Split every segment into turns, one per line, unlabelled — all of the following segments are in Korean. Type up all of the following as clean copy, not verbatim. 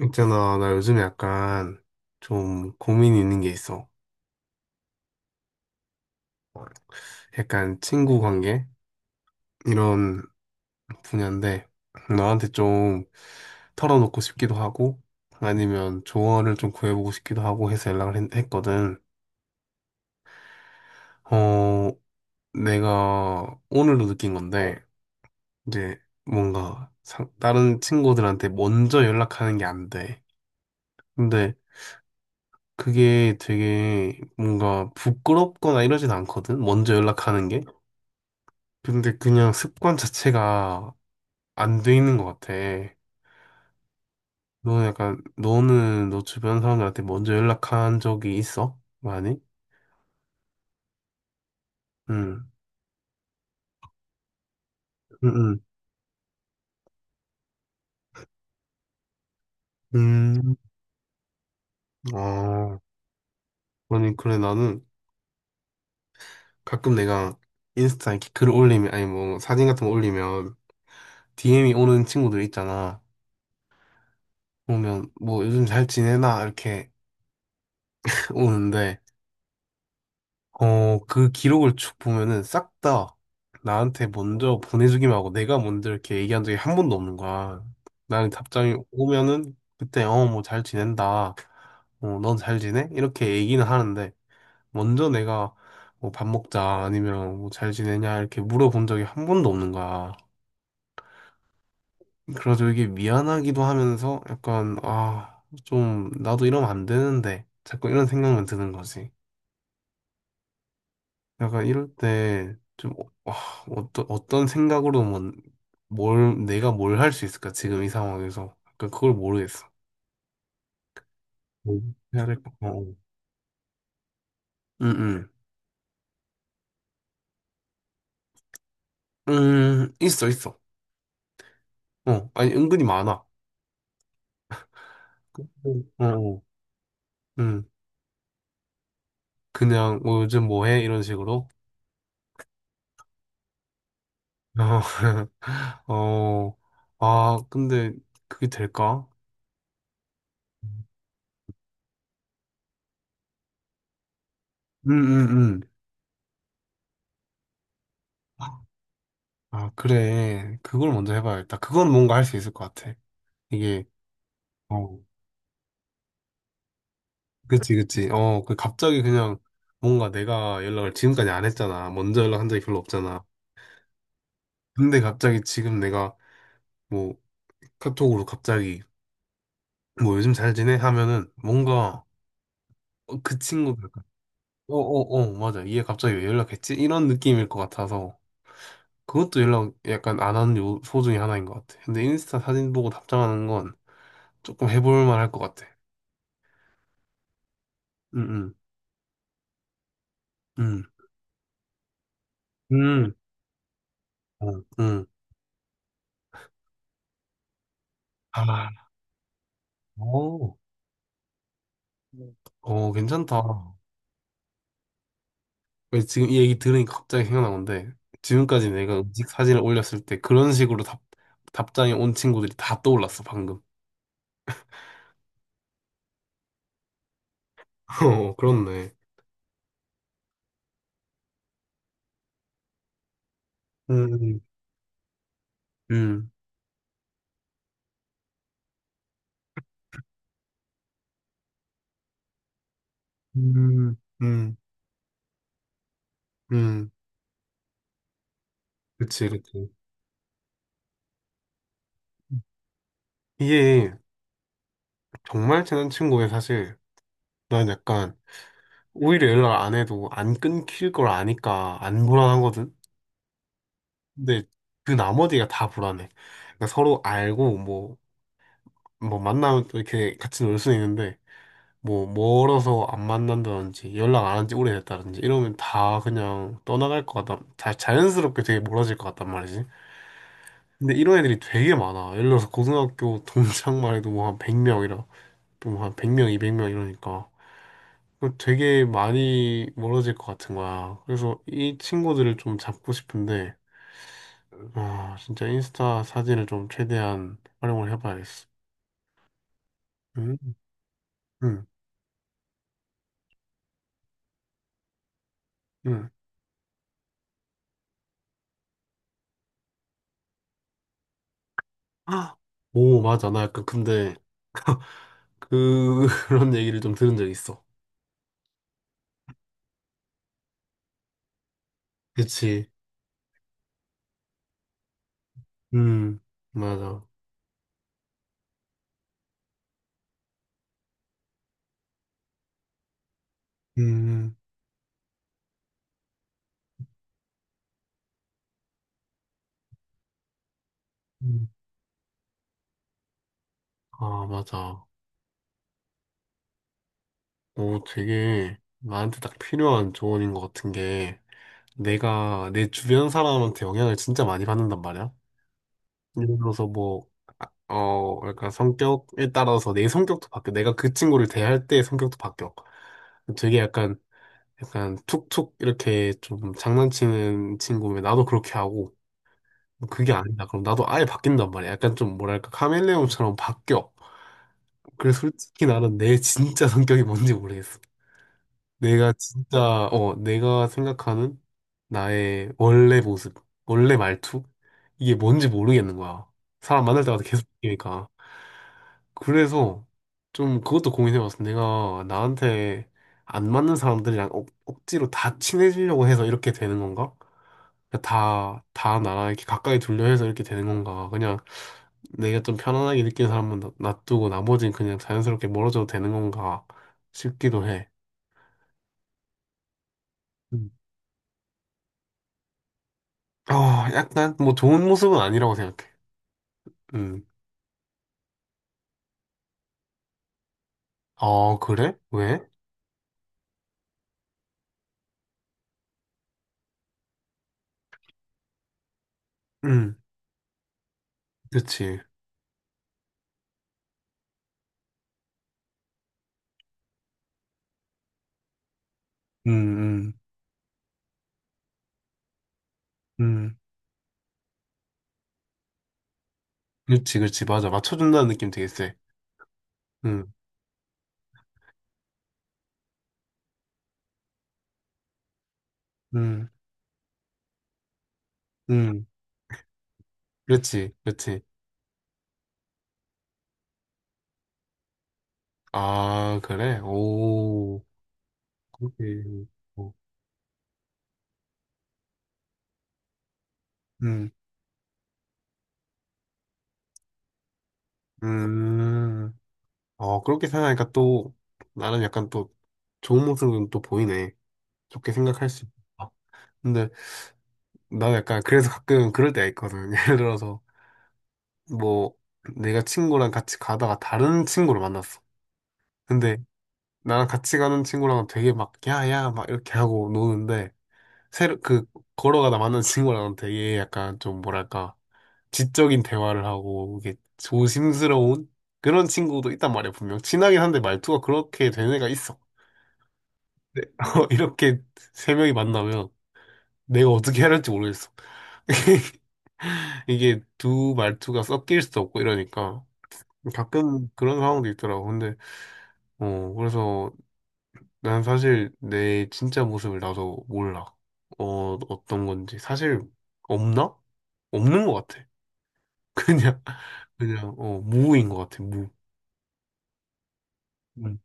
있잖아, 나 요즘에 약간 좀 고민이 있는 게 있어. 약간 친구 관계? 이런 분야인데, 너한테 좀 털어놓고 싶기도 하고, 아니면 조언을 좀 구해보고 싶기도 하고 해서 연락을 했거든. 어, 내가 오늘도 느낀 건데, 이제 뭔가 다른 친구들한테 먼저 연락하는 게 안 돼. 근데 그게 되게 뭔가 부끄럽거나 이러진 않거든? 먼저 연락하는 게. 근데 그냥 습관 자체가 안 돼 있는 것 같아. 너는 약간, 너는 너 주변 사람들한테 먼저 연락한 적이 있어? 많이? 응, 응, 응. 음, 아, 아니, 그래, 나는 가끔 내가 인스타 이렇게 글 올리면, 아니, 뭐, 사진 같은 거 올리면 DM이 오는 친구들 있잖아. 보면, 뭐, 요즘 잘 지내나? 이렇게 오는데, 어, 그 기록을 쭉 보면은 싹 다 나한테 먼저 보내주기만 하고 내가 먼저 이렇게 얘기한 적이 한 번도 없는 거야. 나는 답장이 오면은 그때 뭐 잘 지낸다. 어, 넌 잘 지내? 이렇게 얘기는 하는데 먼저 내가 뭐 밥 먹자 아니면 뭐 잘 지내냐 이렇게 물어본 적이 한 번도 없는 거야. 그래서 이게 미안하기도 하면서 약간 아, 좀 나도 이러면 안 되는데 자꾸 이런 생각만 드는 거지. 약간 이럴 때 좀 어떤 생각으로 뭐, 뭘 내가 뭘 할 수 있을까 지금 이 상황에서 약간 그걸 모르겠어. 뭐 해야 될까? 어, 어. 응, 응, 있어 있어. 어 아니 은근히 많아. 어, 어. 음 그냥 뭐 요즘 뭐 해? 이런 식으로. 어, 어, 아 근데 그게 될까? 응, 응, 응. 아, 그래. 그걸 먼저 해봐야겠다. 그건 뭔가 할 수 있을 것 같아. 이게, 어, 그치, 그치. 어, 그 갑자기 그냥 뭔가 내가 연락을 지금까지 안 했잖아. 먼저 연락한 적이 별로 없잖아. 근데 갑자기 지금 내가 뭐 카톡으로 갑자기 뭐 요즘 잘 지내? 하면은 뭔가 어, 그 친구들, 어, 어, 어, 맞아. 얘 갑자기 왜 연락했지? 이런 느낌일 것 같아서 그것도 연락 약간 안 하는 요소 중에 하나인 것 같아. 근데 인스타 사진 보고 답장하는 건 조금 해볼 만할 것 같아. 응, 응, 응, 응, 어, 응. 아, 오, 어, 괜찮다. 왜 지금 이 얘기 들으니까 갑자기 생각난 건데 지금까지 내가 음식 사진을 올렸을 때 그런 식으로 답 답장이 온 친구들이 다 떠올랐어 방금. 어 그렇네. 음, 음, 음, 음, 음. 그치, 그치. 이게 정말 친한 친구에 사실 난 약간 오히려 연락 안 해도 안 끊길 걸 아니까 안 불안하거든. 근데 그 나머지가 다 불안해. 그러니까 서로 알고 뭐 만나면 또 이렇게 같이 놀 수는 있는데. 뭐 멀어서 안 만난다든지 연락 안 한지 오래됐다든지 이러면 다 그냥 떠나갈 것 같다. 다 자연스럽게 되게 멀어질 것 같단 말이지. 근데 이런 애들이 되게 많아. 예를 들어서 고등학교 동창만 해도 뭐 한 100명이라 또한 100명, 200명 이러니까 그럼 되게 많이 멀어질 것 같은 거야. 그래서 이 친구들을 좀 잡고 싶은데 아 진짜 인스타 사진을 좀 최대한 활용을 해봐야겠어. 응, 응, 응. 아, 오 맞아. 나 약간 근데 그, 그런 얘기를 좀 들은 적 있어. 그치. 음, 맞아. 음, 음. 아, 맞아. 오, 되게 나한테 딱 필요한 조언인 것 같은 게 내가 내 주변 사람한테 영향을 진짜 많이 받는단 말이야. 예를 들어서 뭐, 어, 약간 성격에 따라서 내 성격도 바뀌어. 내가 그 친구를 대할 때 성격도 바뀌어. 되게 약간, 약간 툭툭 이렇게 좀 장난치는 친구면 나도 그렇게 하고 뭐 그게 아니다. 그럼 나도 아예 바뀐단 말이야. 약간 좀 뭐랄까 카멜레온처럼 바뀌어. 그래서 솔직히 나는 내 진짜 성격이 뭔지 모르겠어. 내가 진짜 어 내가 생각하는 나의 원래 모습, 원래 말투 이게 뭔지 모르겠는 거야. 사람 만날 때마다 계속 바뀌니까. 그래서 좀 그것도 고민해봤어. 내가 나한테 안 맞는 사람들이랑 억지로 다 친해지려고 해서 이렇게 되는 건가? 그러니까 다 나랑 이렇게 가까이 둘려해서 이렇게 되는 건가. 그냥 내가 좀 편안하게 느끼는 사람만 놔두고 나머지는 그냥 자연스럽게 멀어져도 되는 건가 싶기도 해. 음. 어, 약간 뭐 좋은 모습은 아니라고 생각해. 음. 아, 그래? 왜? 음, 그치. 음, 음, 음. 그치, 그치. 맞아. 맞춰준다는 느낌 되게 세. 음, 음, 음. 그치, 그치. 아, 그래? 오, 그렇게. 음, 음. 어, 그렇게 생각하니까 또 나는 약간 또 좋은 모습은 또 보이네. 좋게 생각할 수 있다. 근데 나는 약간 그래서 가끔 그럴 때가 있거든. 예를 들어서 뭐 내가 친구랑 같이 가다가 다른 친구를 만났어. 근데 나랑 같이 가는 친구랑 되게 막 야야 막 이렇게 하고 노는데 새로 그 걸어가다 만난 친구랑 되게 약간 좀 뭐랄까 지적인 대화를 하고 이게 조심스러운 그런 친구도 있단 말이야 분명. 친하긴 한데 말투가 그렇게 되는 애가 있어. 네, 이렇게 세 명이 만나면 내가 어떻게 해야 할지 모르겠어. 이게 두 말투가 섞일 수도 없고 이러니까 가끔 그런 상황도 있더라고. 근데 어 그래서 난 사실 내 진짜 모습을 나도 몰라. 어 어떤 건지 사실 없나? 없는 것 같아. 그냥 그냥 어 무인 것 같아. 무. 음.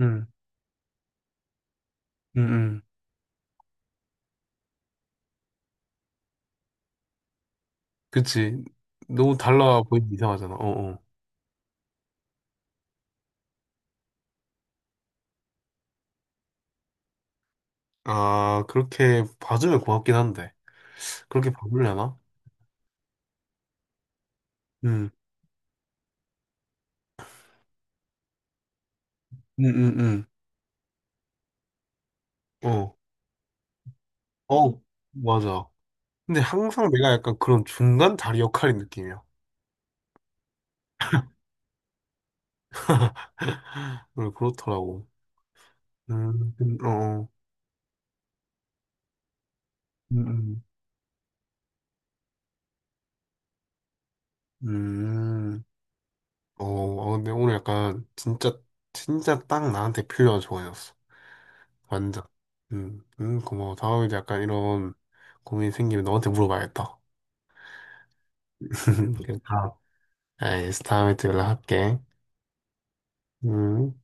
음. 음. 음. 그치. 너무 달라 보이면 이상하잖아. 어 어. 아 그렇게 봐주면 고맙긴 한데. 그렇게 바꾸려나? 음, 음, 음, 어, 어, 맞아. 근데 항상 내가 약간 그런 중간 다리 역할인 느낌이야. 그래, 그렇더라고. 어, 어. 음, 음. 음. 어, 어, 근데 오늘 약간 진짜, 진짜 딱 나한테 필요한 조언이었어. 완전. 고마워. 다음에도 약간 이런 고민이 생기면 너한테 물어봐야겠다. 그래서 다음, 알겠어. 다음에 또 연락할게. 음.